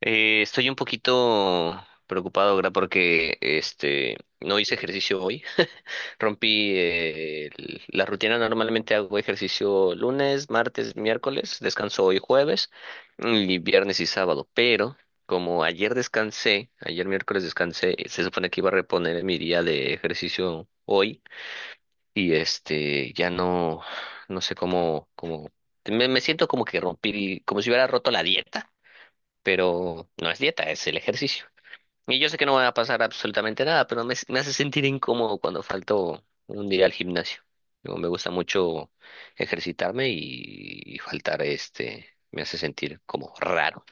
Estoy un poquito preocupado ahora porque no hice ejercicio hoy. Rompí la rutina. Normalmente hago ejercicio lunes, martes, miércoles, descanso hoy jueves y viernes y sábado. Pero como ayer descansé, ayer miércoles descansé, se supone que iba a reponer mi día de ejercicio hoy y ya no, no sé cómo, cómo me siento como que rompí como si hubiera roto la dieta, pero no es dieta, es el ejercicio. Y yo sé que no va a pasar absolutamente nada, pero me hace sentir incómodo cuando falto un día al gimnasio. Digo, me gusta mucho ejercitarme y faltar me hace sentir como raro.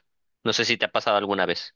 No sé si te ha pasado alguna vez.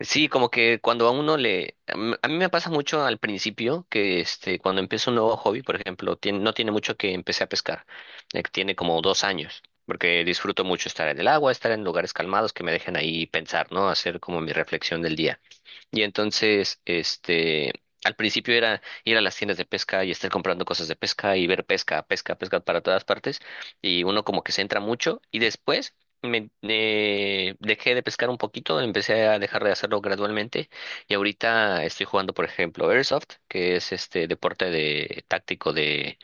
Sí, como que cuando a uno le... A mí me pasa mucho al principio que cuando empiezo un nuevo hobby, por ejemplo, no tiene mucho que empecé a pescar, que tiene como 2 años, porque disfruto mucho estar en el agua, estar en lugares calmados que me dejen ahí pensar, ¿no? Hacer como mi reflexión del día. Y entonces, al principio era ir a las tiendas de pesca y estar comprando cosas de pesca y ver pesca, pesca, pesca para todas partes. Y uno como que se entra mucho. Y después me dejé de pescar un poquito, empecé a dejar de hacerlo gradualmente. Y ahorita estoy jugando, por ejemplo, Airsoft, que es este deporte de táctico de,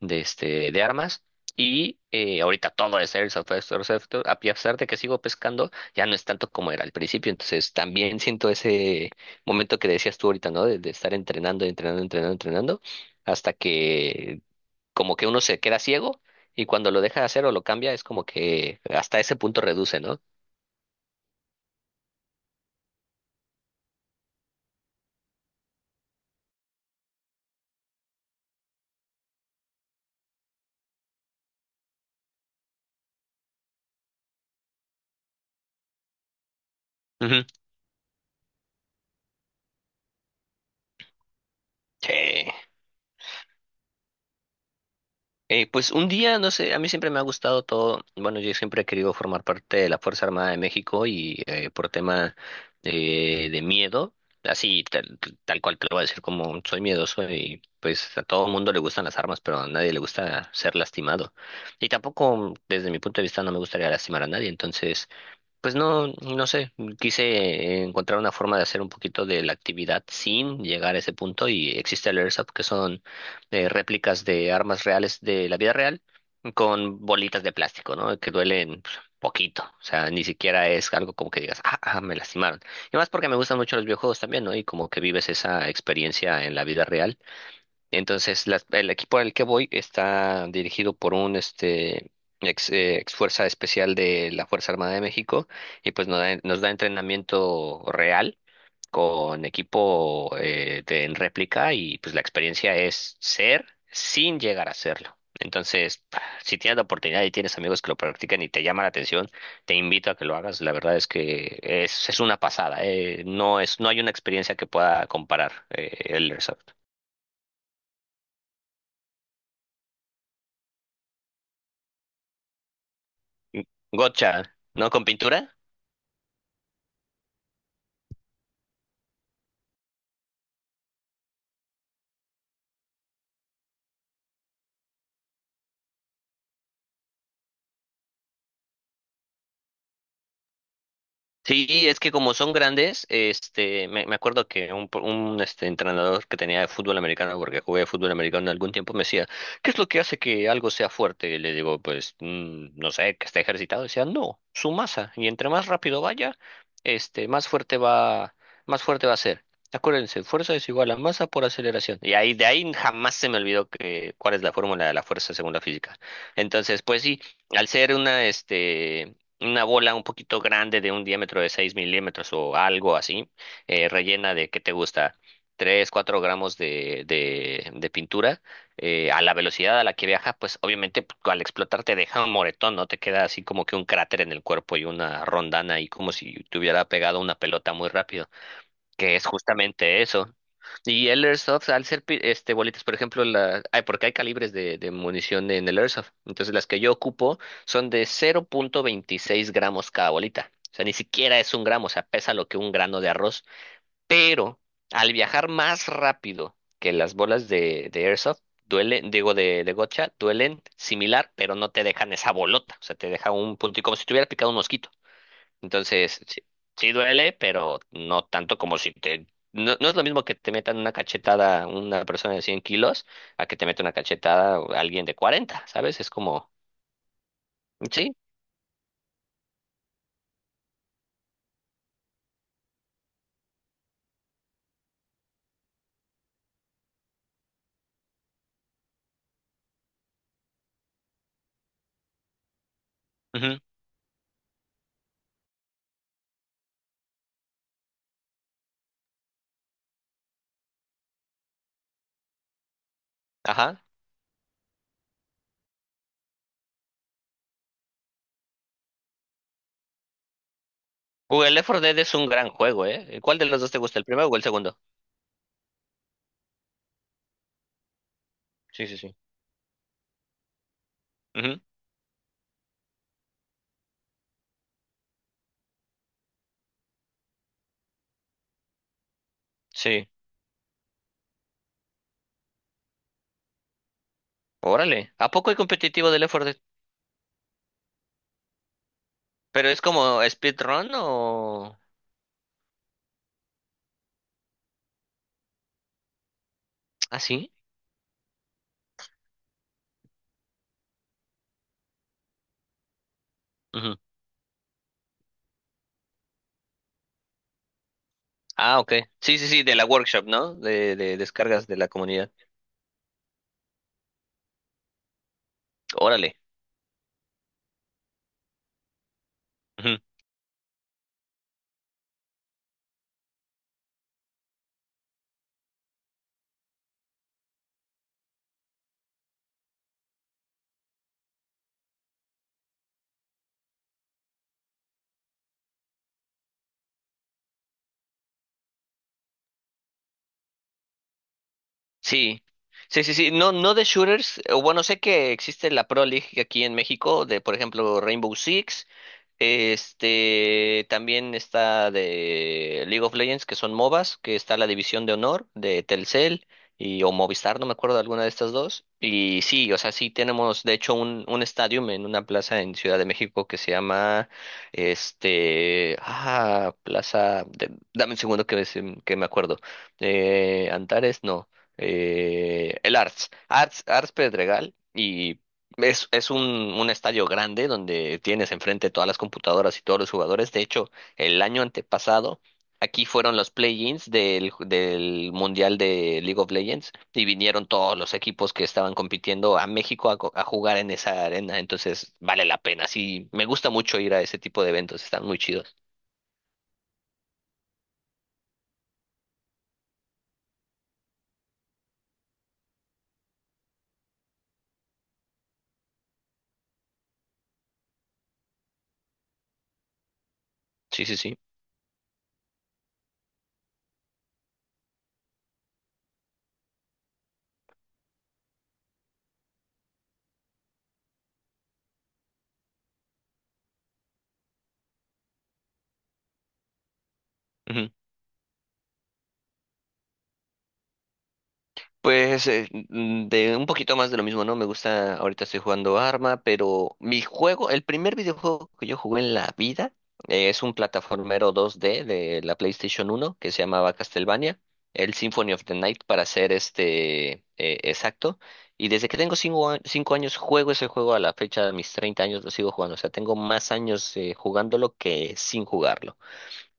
de este, de armas. Y ahorita todo es Airsoft, Airsoft, Airsoft, a pesar de que sigo pescando ya no es tanto como era al principio, entonces también siento ese momento que decías tú ahorita, ¿no? De estar entrenando, entrenando, entrenando, entrenando, hasta que como que uno se queda ciego y cuando lo deja de hacer o lo cambia, es como que hasta ese punto reduce, ¿no? Ujú. Sí. Pues un día, no sé, a mí siempre me ha gustado todo, bueno, yo siempre he querido formar parte de la Fuerza Armada de México y por tema de miedo, así tal cual te lo voy a decir como soy miedoso y pues a todo mundo le gustan las armas, pero a nadie le gusta ser lastimado. Y tampoco, desde mi punto de vista, no me gustaría lastimar a nadie, entonces... Pues no, no sé, quise encontrar una forma de hacer un poquito de la actividad sin llegar a ese punto y existe el Airsoft que son réplicas de armas reales de la vida real con bolitas de plástico, ¿no? Que duelen pues, poquito, o sea, ni siquiera es algo como que digas, ah, ah, me lastimaron. Y más porque me gustan mucho los videojuegos también, ¿no? Y como que vives esa experiencia en la vida real entonces, el equipo al que voy está dirigido por un ex fuerza especial de la Fuerza Armada de México y pues nos da entrenamiento real con equipo en réplica y pues la experiencia es ser sin llegar a serlo. Entonces, si tienes la oportunidad y tienes amigos que lo practican y te llama la atención, te invito a que lo hagas. La verdad es que es una pasada. No hay una experiencia que pueda comparar el Airsoft. Gotcha, ¿no? ¿Con pintura? Sí, es que como son grandes, me acuerdo que un entrenador que tenía de fútbol americano, porque jugué fútbol americano algún tiempo, me decía, ¿qué es lo que hace que algo sea fuerte? Y le digo, pues, no sé, que esté ejercitado. Decía, no, su masa. Y entre más rápido vaya, este, más fuerte va, más fuerte va a ser. Acuérdense, fuerza es igual a masa por aceleración. De ahí jamás se me olvidó que, cuál es la fórmula de la fuerza según la física. Entonces, pues sí, al ser una bola un poquito grande de un diámetro de 6 milímetros o algo así, rellena de, ¿qué te gusta? 3 4 gramos de pintura, a la velocidad a la que viaja, pues obviamente al explotar te deja un moretón, ¿no? Te queda así como que un cráter en el cuerpo y una rondana y como si te hubiera pegado una pelota muy rápido, que es justamente eso. Y el Airsoft, al ser bolitas, por ejemplo, ay, porque hay calibres de munición en el Airsoft. Entonces, las que yo ocupo son de 0.26 gramos cada bolita. O sea, ni siquiera es un gramo, o sea, pesa lo que un grano de arroz. Pero al viajar más rápido que las bolas de Airsoft, duelen, digo, de gotcha, duelen similar, pero no te dejan esa bolota. O sea, te deja un punto, y como si te hubiera picado un mosquito. Entonces, sí, sí duele, pero no tanto como si te... No, no es lo mismo que te metan una cachetada una persona de 100 kilos a que te meta una cachetada alguien de 40, ¿sabes? Es como... Sí. Ujú. Ajá. Google Left 4 Dead es un gran juego, ¿eh? ¿Cuál de los dos te gusta, el primero o el segundo? Sí, sí, sí. Ujú. Sí. Órale. ¿A poco hay competitivo de Left 4 Dead? ¿Pero es como speedrun o...? ¿Ah, sí? Ujú. Ah, ok. Sí, sí, sí, de la workshop, ¿no? De descargas de la comunidad. Órale. Sí, sí, sí, sí. No, no de shooters. O bueno, sé que existe la Pro League aquí en México, de por ejemplo Rainbow Six. También está de League of Legends, que son MOBAs, que está la división de honor de Telcel y o Movistar, no me acuerdo de alguna de estas dos. Y sí, o sea, sí tenemos de hecho un estadio en una plaza en Ciudad de México que se llama dame un segundo que me acuerdo. Antares, no. El Arts, Pedregal. Es un estadio grande donde tienes enfrente todas las computadoras y todos los jugadores. De hecho, el año antepasado, aquí fueron los play-ins del Mundial de League of Legends y vinieron todos los equipos que estaban compitiendo a México a jugar en esa arena. Entonces, vale la pena. Sí, me gusta mucho ir a ese tipo de eventos. Están muy chidos. Sí, sí, sí. Pues de un poquito más de lo mismo, ¿no? Me gusta, ahorita estoy jugando Arma, pero mi juego, el primer videojuego que yo jugué en la vida es un plataformero 2D de la PlayStation 1 que se llamaba Castlevania, el Symphony of the Night para ser exacto. Y desde que tengo 5 años juego ese juego a la fecha de mis 30 años lo sigo jugando, o sea, tengo más años jugándolo que sin jugarlo.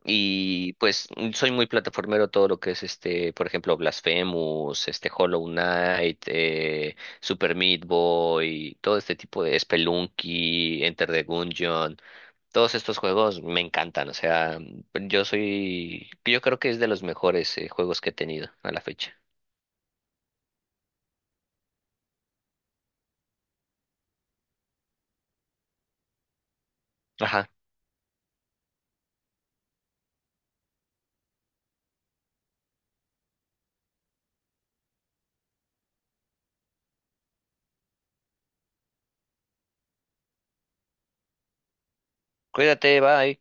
Y pues soy muy plataformero todo lo que es por ejemplo, Blasphemous, Hollow Knight, Super Meat Boy, todo este tipo de Spelunky, Enter the Gungeon, todos estos juegos me encantan, o sea, yo creo que es de los mejores juegos que he tenido a la fecha. Ajá. Cuídate, bye.